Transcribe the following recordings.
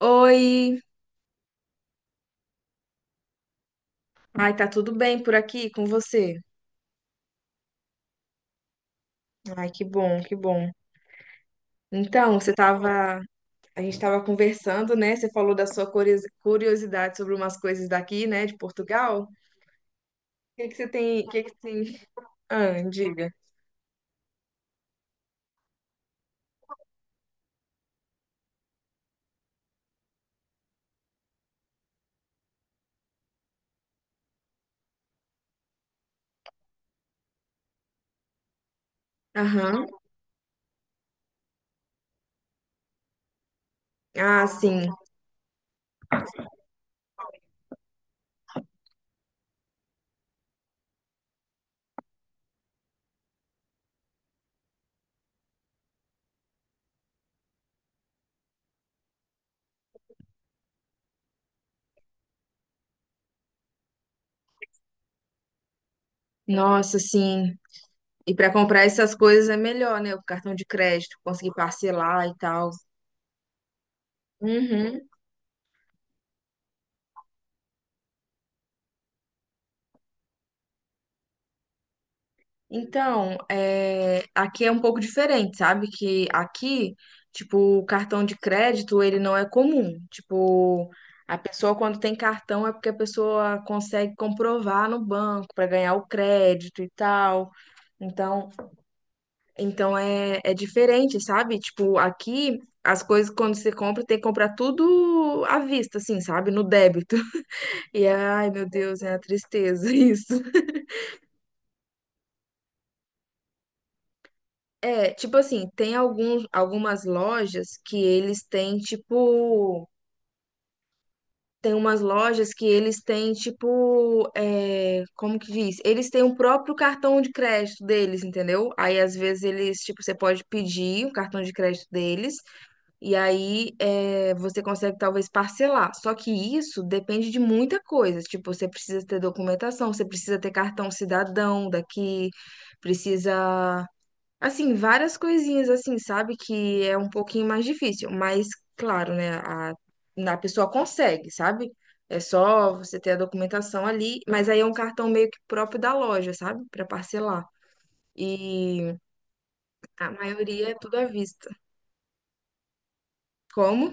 Oi, ai, tá tudo bem por aqui com você? Ai, que bom, que bom. Então, a gente tava conversando, né? Você falou da sua curiosidade sobre umas coisas daqui, né, de Portugal. O que que você tem, o que que tem? Ah, diga. Aham. Ah, sim. Nossa, sim. E pra comprar essas coisas é melhor, né? O cartão de crédito, conseguir parcelar e tal. Uhum. Então, é, aqui é um pouco diferente, sabe? Que aqui, tipo, o cartão de crédito, ele não é comum. Tipo, a pessoa quando tem cartão é porque a pessoa consegue comprovar no banco para ganhar o crédito e tal. Então, então, é diferente, sabe? Tipo, aqui as coisas quando você compra, tem que comprar tudo à vista, assim, sabe? No débito. E ai, meu Deus, é uma tristeza isso. É, tipo assim, tem algumas lojas que eles têm, tipo. Tem umas lojas que eles têm, tipo, é, como que diz? Eles têm o próprio cartão de crédito deles, entendeu? Aí, às vezes, eles, tipo, você pode pedir o cartão de crédito deles, e aí é, você consegue, talvez, parcelar. Só que isso depende de muita coisa. Tipo, você precisa ter documentação, você precisa ter cartão cidadão daqui, precisa. Assim, várias coisinhas assim, sabe? Que é um pouquinho mais difícil, mas claro, né? A pessoa consegue, sabe? É só você ter a documentação ali, mas aí é um cartão meio que próprio da loja, sabe? Pra parcelar. E a maioria é tudo à vista. Como?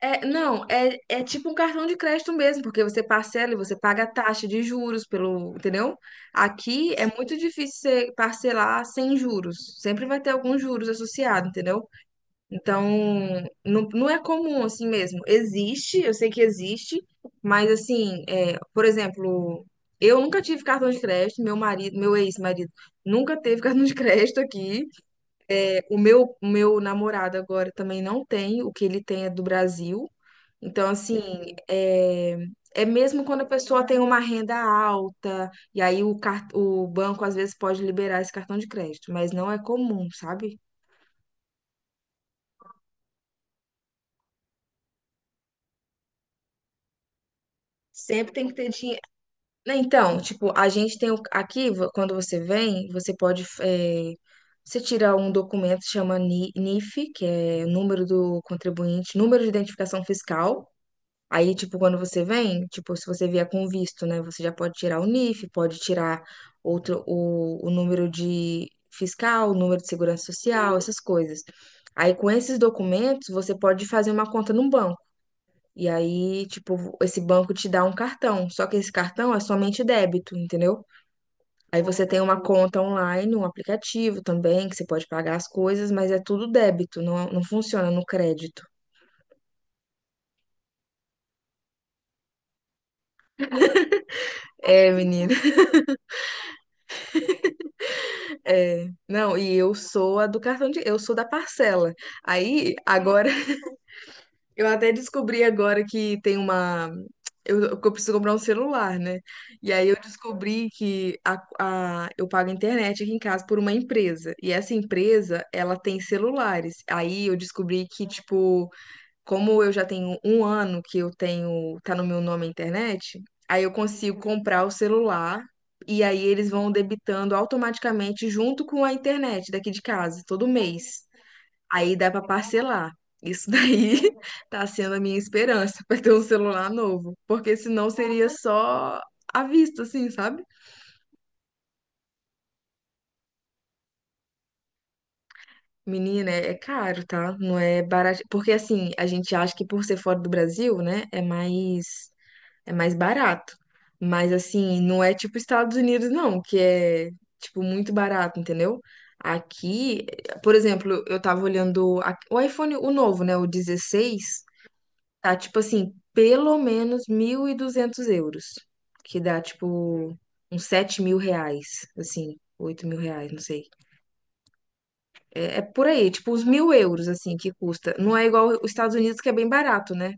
É, não, é tipo um cartão de crédito mesmo, porque você parcela e você paga a taxa de juros pelo, entendeu? Aqui é muito difícil você parcelar sem juros. Sempre vai ter alguns juros associados, entendeu? Então, não, não é comum assim mesmo. Existe, eu sei que existe, mas assim, é, por exemplo, eu nunca tive cartão de crédito, meu marido, meu ex-marido nunca teve cartão de crédito aqui. É, o meu namorado agora também não tem, o que ele tem é do Brasil. Então, assim, é, mesmo quando a pessoa tem uma renda alta, e aí o banco às vezes pode liberar esse cartão de crédito, mas não é comum, sabe? Sempre tem que ter dinheiro. Né? Então, tipo, a gente tem aqui, quando você vem, você pode, você tira um documento que chama NIF, que é o número do contribuinte, número de identificação fiscal. Aí, tipo, quando você vem, tipo, se você vier com visto, né, você já pode tirar o NIF, pode tirar outro, o número de fiscal, o número de segurança social, essas coisas. Aí, com esses documentos, você pode fazer uma conta num banco. E aí, tipo, esse banco te dá um cartão, só que esse cartão é somente débito, entendeu? Aí você tem uma conta online, um aplicativo também, que você pode pagar as coisas, mas é tudo débito, não, não funciona no crédito. É, menina, é. Não, e eu sou a do cartão de, eu sou da parcela. Aí, agora, eu até descobri agora que tem uma. Que eu preciso comprar um celular, né? E aí eu descobri que eu pago a internet aqui em casa por uma empresa. E essa empresa, ela tem celulares. Aí eu descobri que, tipo, como eu já tenho um ano que eu tenho, tá no meu nome a internet, aí eu consigo comprar o celular e aí eles vão debitando automaticamente junto com a internet daqui de casa, todo mês. Aí dá pra parcelar. Isso daí tá sendo a minha esperança pra ter um celular novo, porque senão seria só à vista, assim, sabe? Menina, é caro, tá? Não é barato, porque assim, a gente acha que por ser fora do Brasil, né, é mais barato. Mas assim, não é tipo Estados Unidos não, que é tipo muito barato, entendeu? Aqui, por exemplo, eu tava olhando o iPhone, o novo, né, o 16. Tá, tipo assim, pelo menos 1.200 euros. Que dá, tipo, uns 7.000 reais, assim, 8.000 reais, não sei. É por aí, tipo, uns 1.000 euros, assim, que custa. Não é igual os Estados Unidos, que é bem barato, né?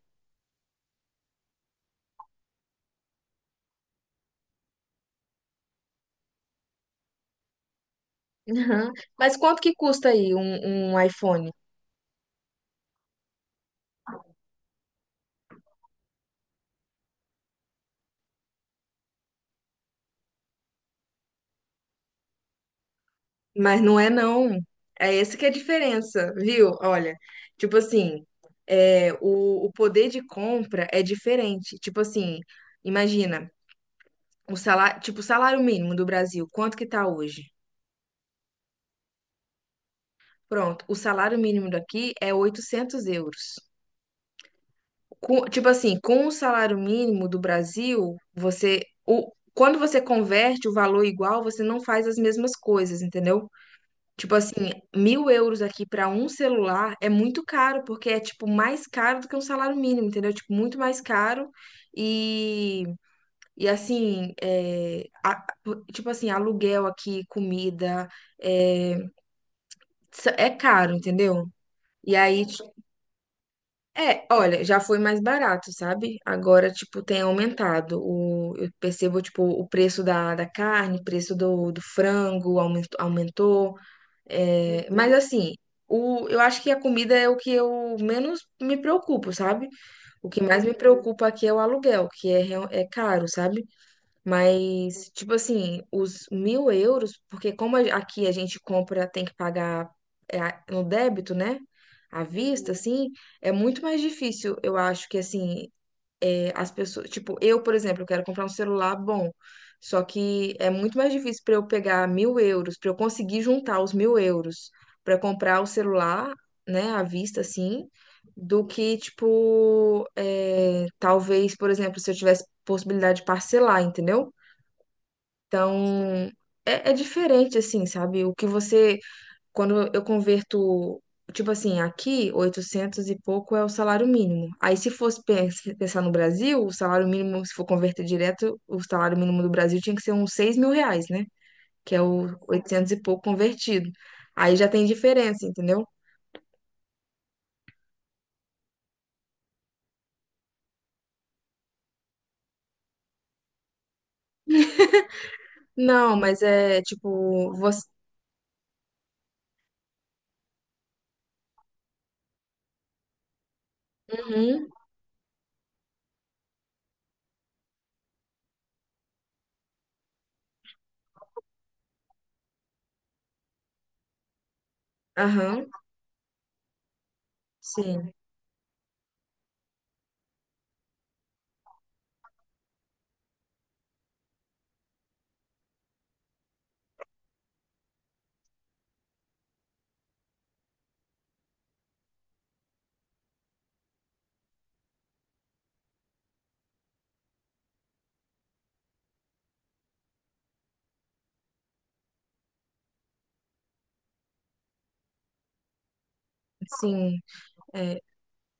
Aham. Mas quanto que custa aí um iPhone? Mas não é não. É essa que é a diferença, viu? Olha, tipo assim, é, o poder de compra é diferente. Tipo assim, imagina, o salário, tipo, o salário mínimo do Brasil, quanto que tá hoje? Pronto, o salário mínimo daqui é 800 euros. Tipo assim, com o salário mínimo do Brasil, você, quando você converte o valor igual, você não faz as mesmas coisas, entendeu? Tipo assim, 1.000 euros aqui para um celular é muito caro, porque é tipo mais caro do que um salário mínimo, entendeu? Tipo, muito mais caro. E, e assim, é, tipo assim, aluguel aqui, comida. é, É caro, entendeu? E aí, olha, já foi mais barato, sabe? Agora, tipo, tem aumentado. O, eu percebo, tipo, o preço da carne, o preço do frango aumentou, aumentou. Mas, uhum, assim, o, eu acho que a comida é o que eu menos me preocupo, sabe? O que mais me, uhum, preocupa aqui é o aluguel, que é, é caro, sabe? Mas, tipo assim, os 1.000 euros, porque como aqui a gente compra, tem que pagar no débito, né? À vista, assim, é muito mais difícil, eu acho que, assim, é, as pessoas. Tipo, eu, por exemplo, eu quero comprar um celular bom, só que é muito mais difícil para eu pegar 1.000 euros, para eu conseguir juntar os 1.000 euros para comprar o celular, né, à vista, assim, do que, tipo, é, talvez, por exemplo, se eu tivesse possibilidade de parcelar, entendeu? Então, é diferente, assim, sabe? O que você, quando eu converto, tipo assim, aqui, 800 e pouco é o salário mínimo. Aí, se fosse pensar no Brasil, o salário mínimo, se for converter direto, o salário mínimo do Brasil tinha que ser uns 6.000 reais, né? Que é o 800 e pouco convertido. Aí já tem diferença, entendeu? Não, mas é tipo, você. Uhum, aham, sim, sim. É.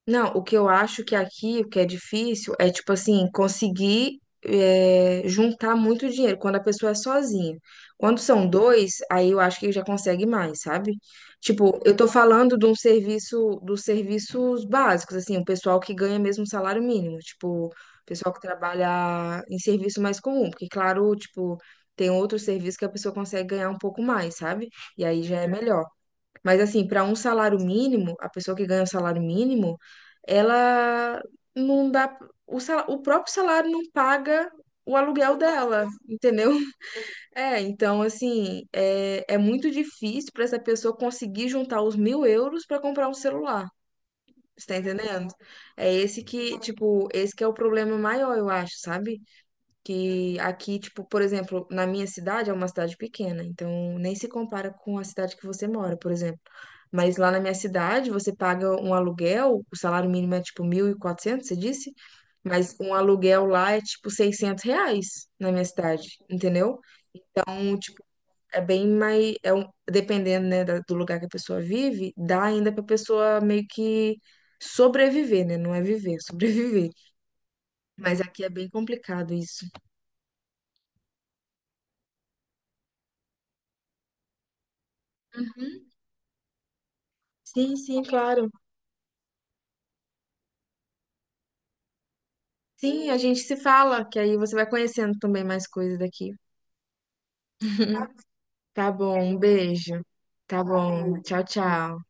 Não, o que eu acho que aqui, o que é difícil, é tipo assim, conseguir juntar muito dinheiro quando a pessoa é sozinha. Quando são dois, aí eu acho que já consegue mais, sabe? Tipo, eu tô falando de um serviço, dos serviços básicos, assim, o pessoal que ganha mesmo um salário mínimo, tipo, o pessoal que trabalha em serviço mais comum, porque claro, tipo, tem outros serviços que a pessoa consegue ganhar um pouco mais, sabe? E aí já é melhor. Mas assim, para um salário mínimo, a pessoa que ganha o salário mínimo, ela não dá. O próprio salário não paga o aluguel dela, entendeu? É, então assim, é muito difícil para essa pessoa conseguir juntar os 1.000 euros para comprar um celular. Você tá entendendo? É esse que, tipo, esse que é o problema maior, eu acho, sabe? Que aqui, tipo, por exemplo, na minha cidade é uma cidade pequena, então nem se compara com a cidade que você mora, por exemplo. Mas lá na minha cidade, você paga um aluguel, o salário mínimo é tipo 1.400 você disse? Mas um aluguel lá é tipo 600 reais na minha cidade, entendeu? Então, tipo, é bem mais. É um, dependendo, né, do lugar que a pessoa vive, dá ainda pra pessoa meio que sobreviver, né? Não é viver, é sobreviver. Mas aqui é bem complicado isso. Uhum. Sim, sim, claro. Sim, a gente se fala, que aí você vai conhecendo também mais coisas daqui. Tá bom, um beijo. Tá bom, tchau, tchau.